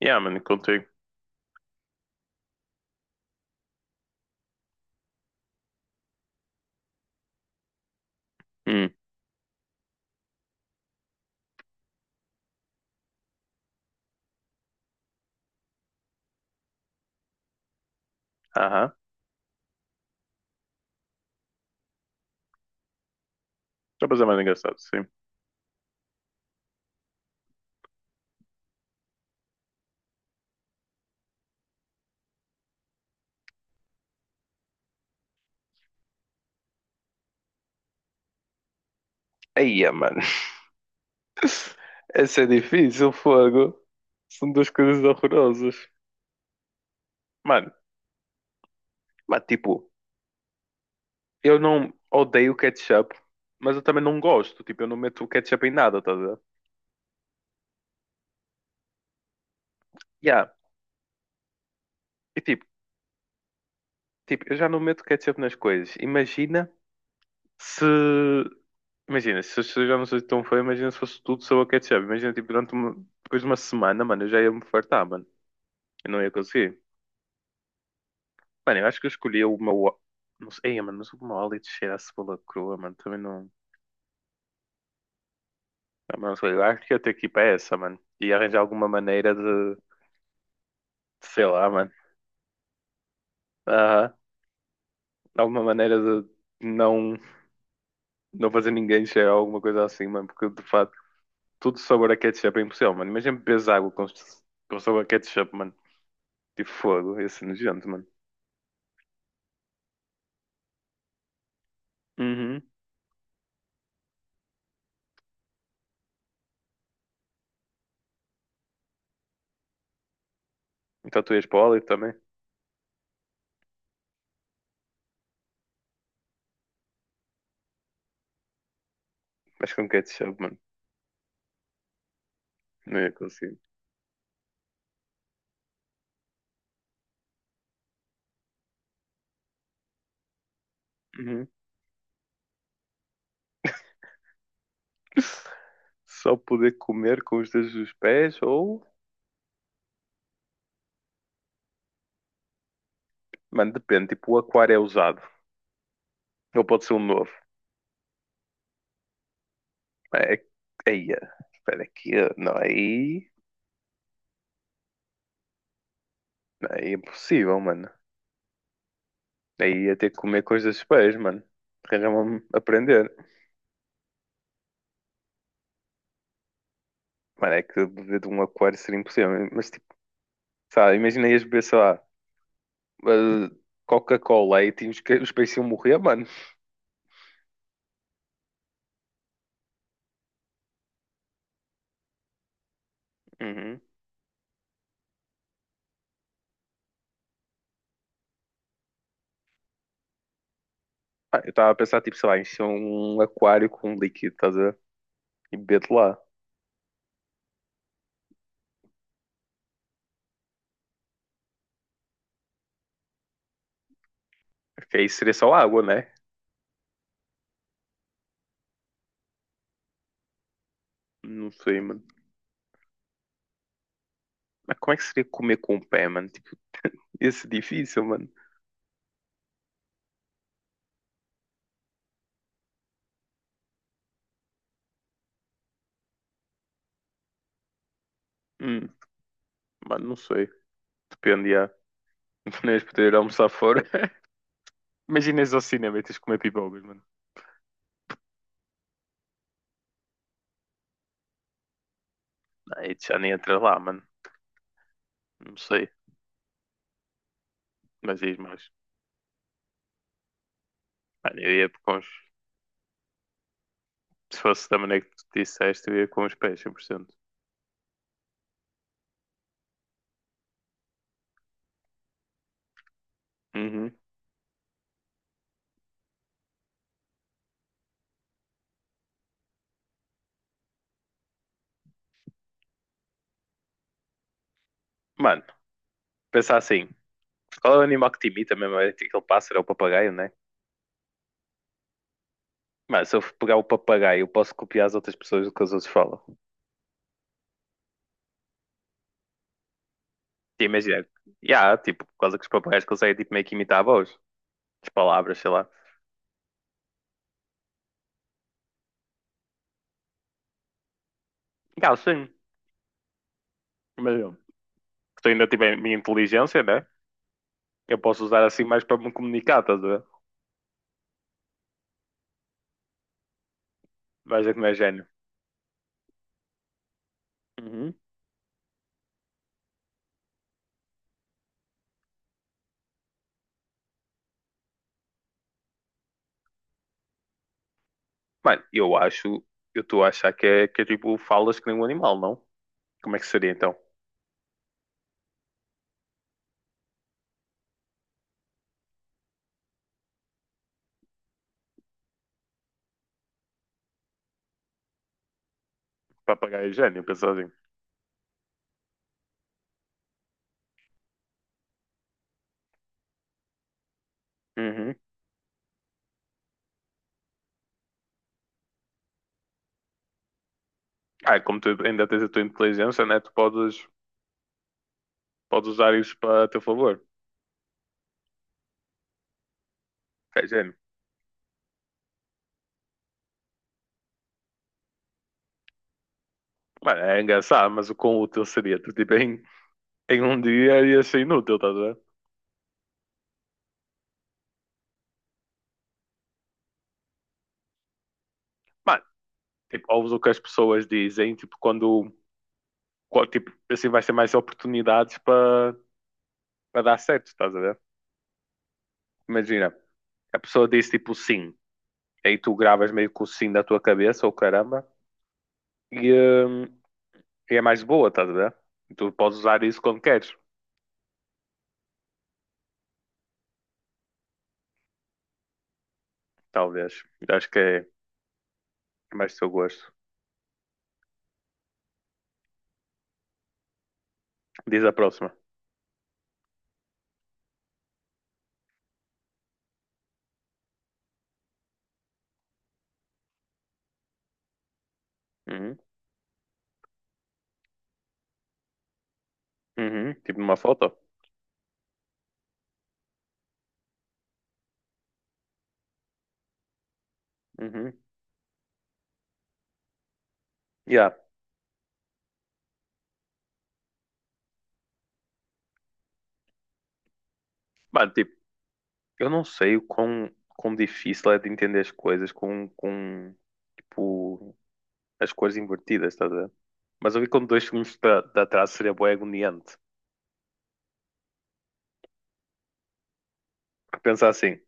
Yeah, mano, contigo. Hum, aham. Já para ser mais engraçado, sim. Aí, mano. Essa é difícil, fogo. São duas coisas horrorosas. Mano, mas tipo, eu não odeio ketchup, mas eu também não gosto. Tipo, eu não meto ketchup em nada, tá a ver? Yeah. E tipo, eu já não meto ketchup nas coisas. Imagina se. Imagina, se eu já não sou tão fã, imagina se fosse tudo só o ketchup. Imagina, tipo, durante uma... depois de uma semana, mano, eu já ia me fartar, mano. Eu não ia conseguir. Mano, eu acho que eu escolhi uma. Não sei, mano, mas uma wallet cheira a cebola crua, mano. Também não. Ah, mano, não sei, eu acho que ia ter que ir para essa, mano. E arranjar alguma maneira de. Sei lá, mano. Aham. Alguma maneira de não. Não fazer ninguém cheirar alguma coisa assim, mano. Porque de facto tudo sabor a ketchup é impossível, mano. Imagina bebes água com sabor a ketchup, mano. Tipo fogo, ia ser nojento, mano. Uhum. Então tu ias para o óleo também. Mas com ketchup, mano. Não ia conseguir. Só poder comer com os dedos dos pés ou. Mano, depende. Tipo, o aquário é usado. Ou pode ser um novo. É. é, aí, espera aqui. Não, aí. Não, aí é impossível, mano. Aí ia ter que comer coisas dos pés, mano. Arranjar-me a aprender. Mano, é que beber de um aquário seria impossível. Mas, tipo, sabe, imagina ias beber, sei lá, eh, Coca-Cola e tinhas que os peixes iam morrer, mano. Uhum. Ah, eu estava a pensar, tipo, sei lá, encher um aquário com um líquido, estás a ver? E beber de lá. Porque aí seria só água, né? Não sei, mano. Mas como é que seria comer com o pé, mano? Tipo, ia ser difícil, mano. Hum, mano, não sei. Depende, já. Não ias poder almoçar fora. Imagina só ao cinema e tens de comer pipocas, mano. Aí tu já nem entras lá, mano. Não sei. Mas diz mais. Mano, eu ia com os... Se fosse da maneira que tu disseste, eu ia com os pés, 100%. Uhum. Mano, pensar assim. Qual é o animal que te imita mesmo? É tipo aquele pássaro, é o papagaio, né? Mano, se eu pegar o papagaio, eu posso copiar as outras pessoas do que os outros falam. Sim, imagina. Yeah, tipo, por causa que os papagaios conseguem tipo, meio que imitar a voz, as palavras, sei lá. Yeah, sim. Mas eu que ainda tiver a minha inteligência, né? Eu posso usar assim mais para me comunicar, estás a ver? Vais ver como é gênio. Uhum. Mano, eu acho, eu estou a achar que é tipo falas que nem um animal, não? Como é que seria então? Papagaio é gênio, pensa assim. Uhum. Ah, como tu ainda tens a tua inteligência, né? Tu podes, podes usar isso para teu favor. É gênio. Mano, é engraçado, mas o quão útil seria? Tu tipo, em um dia ia ser inútil, tá vendo? Mano, tipo, ouves o que as pessoas dizem, tipo, quando, qual- tipo, assim vai ser mais oportunidades para dar certo, estás a ver? Imagina, a pessoa diz tipo sim, aí tu gravas meio que o sim da tua cabeça, ou caramba, e, hum, e é mais boa, estás a ver? E tu podes usar isso quando queres, talvez. Eu acho que é, é mais do seu gosto. Diz a próxima. Uhum, uhum, tipo numa foto. Uhum, yeah. Mano, tipo, eu não sei o quão, quão difícil é de entender as coisas com tipo, as cores invertidas, estás a ver? Mas eu vi com 2 segundos de atraso seria bué agoniante. Porque pensar assim,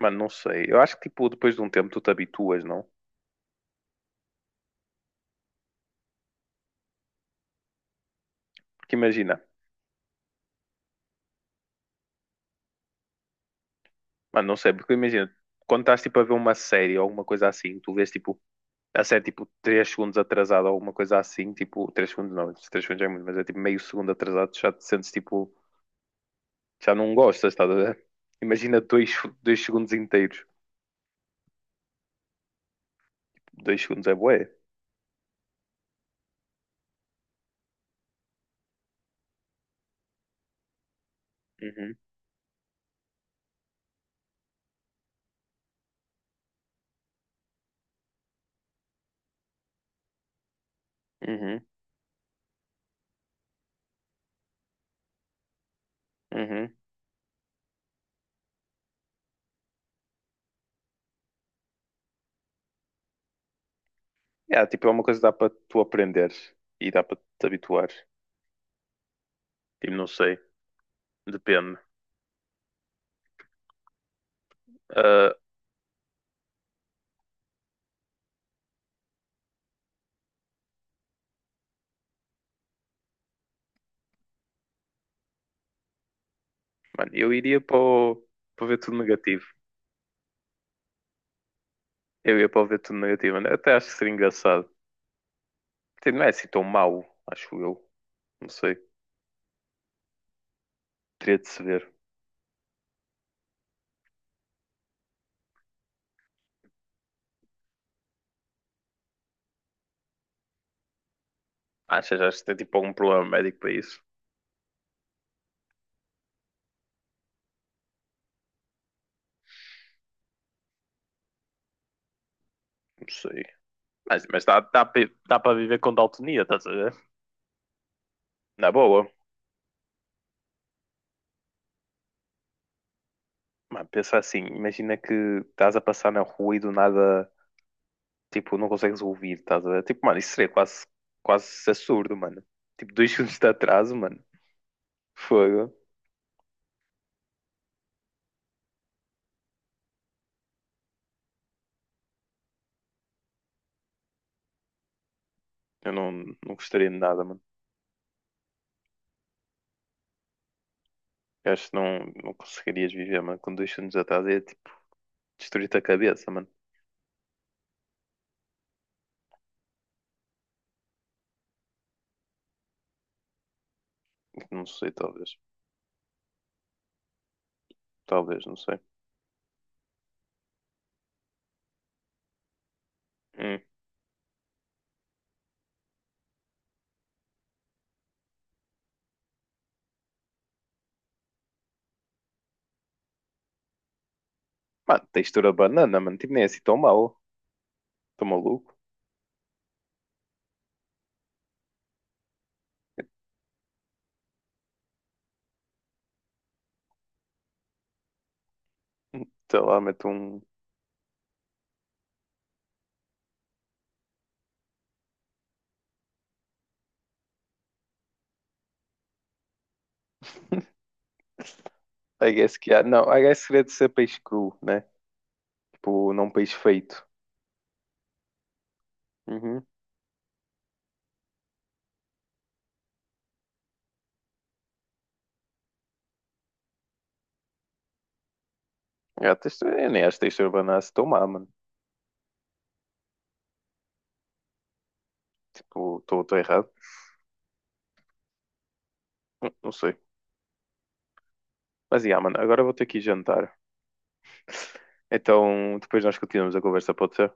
mano, não sei. Eu acho que, tipo, depois de um tempo tu te habituas, não? Porque imagina, mano, não sei, porque imagina, quando estás, tipo, a ver uma série ou alguma coisa assim, tu vês, tipo, a série, tipo, 3 segundos atrasada ou alguma coisa assim, tipo, 3 segundos não, 3 segundos já é muito, mas é, tipo, meio segundo atrasado, tu já te sentes, tipo, já não gostas, estás a ver? Imagina 2, 2 segundos inteiros. Dois segundos é bué. Uhum, uhum, uhum. Yeah, tipo, é uma coisa que dá para tu aprenderes e dá para te habituares. Tipo, não sei, depende. Ah, mano, eu iria para o, para ver tudo negativo. Eu ia para o ver tudo negativo, mano. Até acho que seria engraçado. Tipo, não é assim tão mau, acho eu. Não sei, teria de se ver. Achas, achas que tem tipo algum problema médico para isso? Não sei. Mas dá, dá, para dá para viver com daltonia, estás a ver? Na boa. Mano, pensa assim, imagina que estás a passar na rua e do nada, tipo, não consegues ouvir, estás a ver? Tipo, mano, isso seria quase, quase absurdo, mano. Tipo, 2 segundos de atraso, mano. Fogo. Eu não, não gostaria de nada, mano. Eu acho que não, não conseguirias viver, mano. Com dois segundos de atraso ia, tipo, destruir-te a cabeça, mano. Não sei, talvez. Talvez, não sei. Hum. Mano, textura banana, mano. Tipo, nem é assim tão mau. Tô maluco. Sei lá, meto um... I guess que há... Não, I guess seria de ser peixe cru, né? Tipo, não peixe feito. Uhum. É, a textura, eu nem acho a textura banana assim tão má, mano. Tipo, estou errado. Não, não sei. Mas, yeah, mano, agora eu vou ter que ir jantar. Então, depois nós continuamos a conversa, pode ser?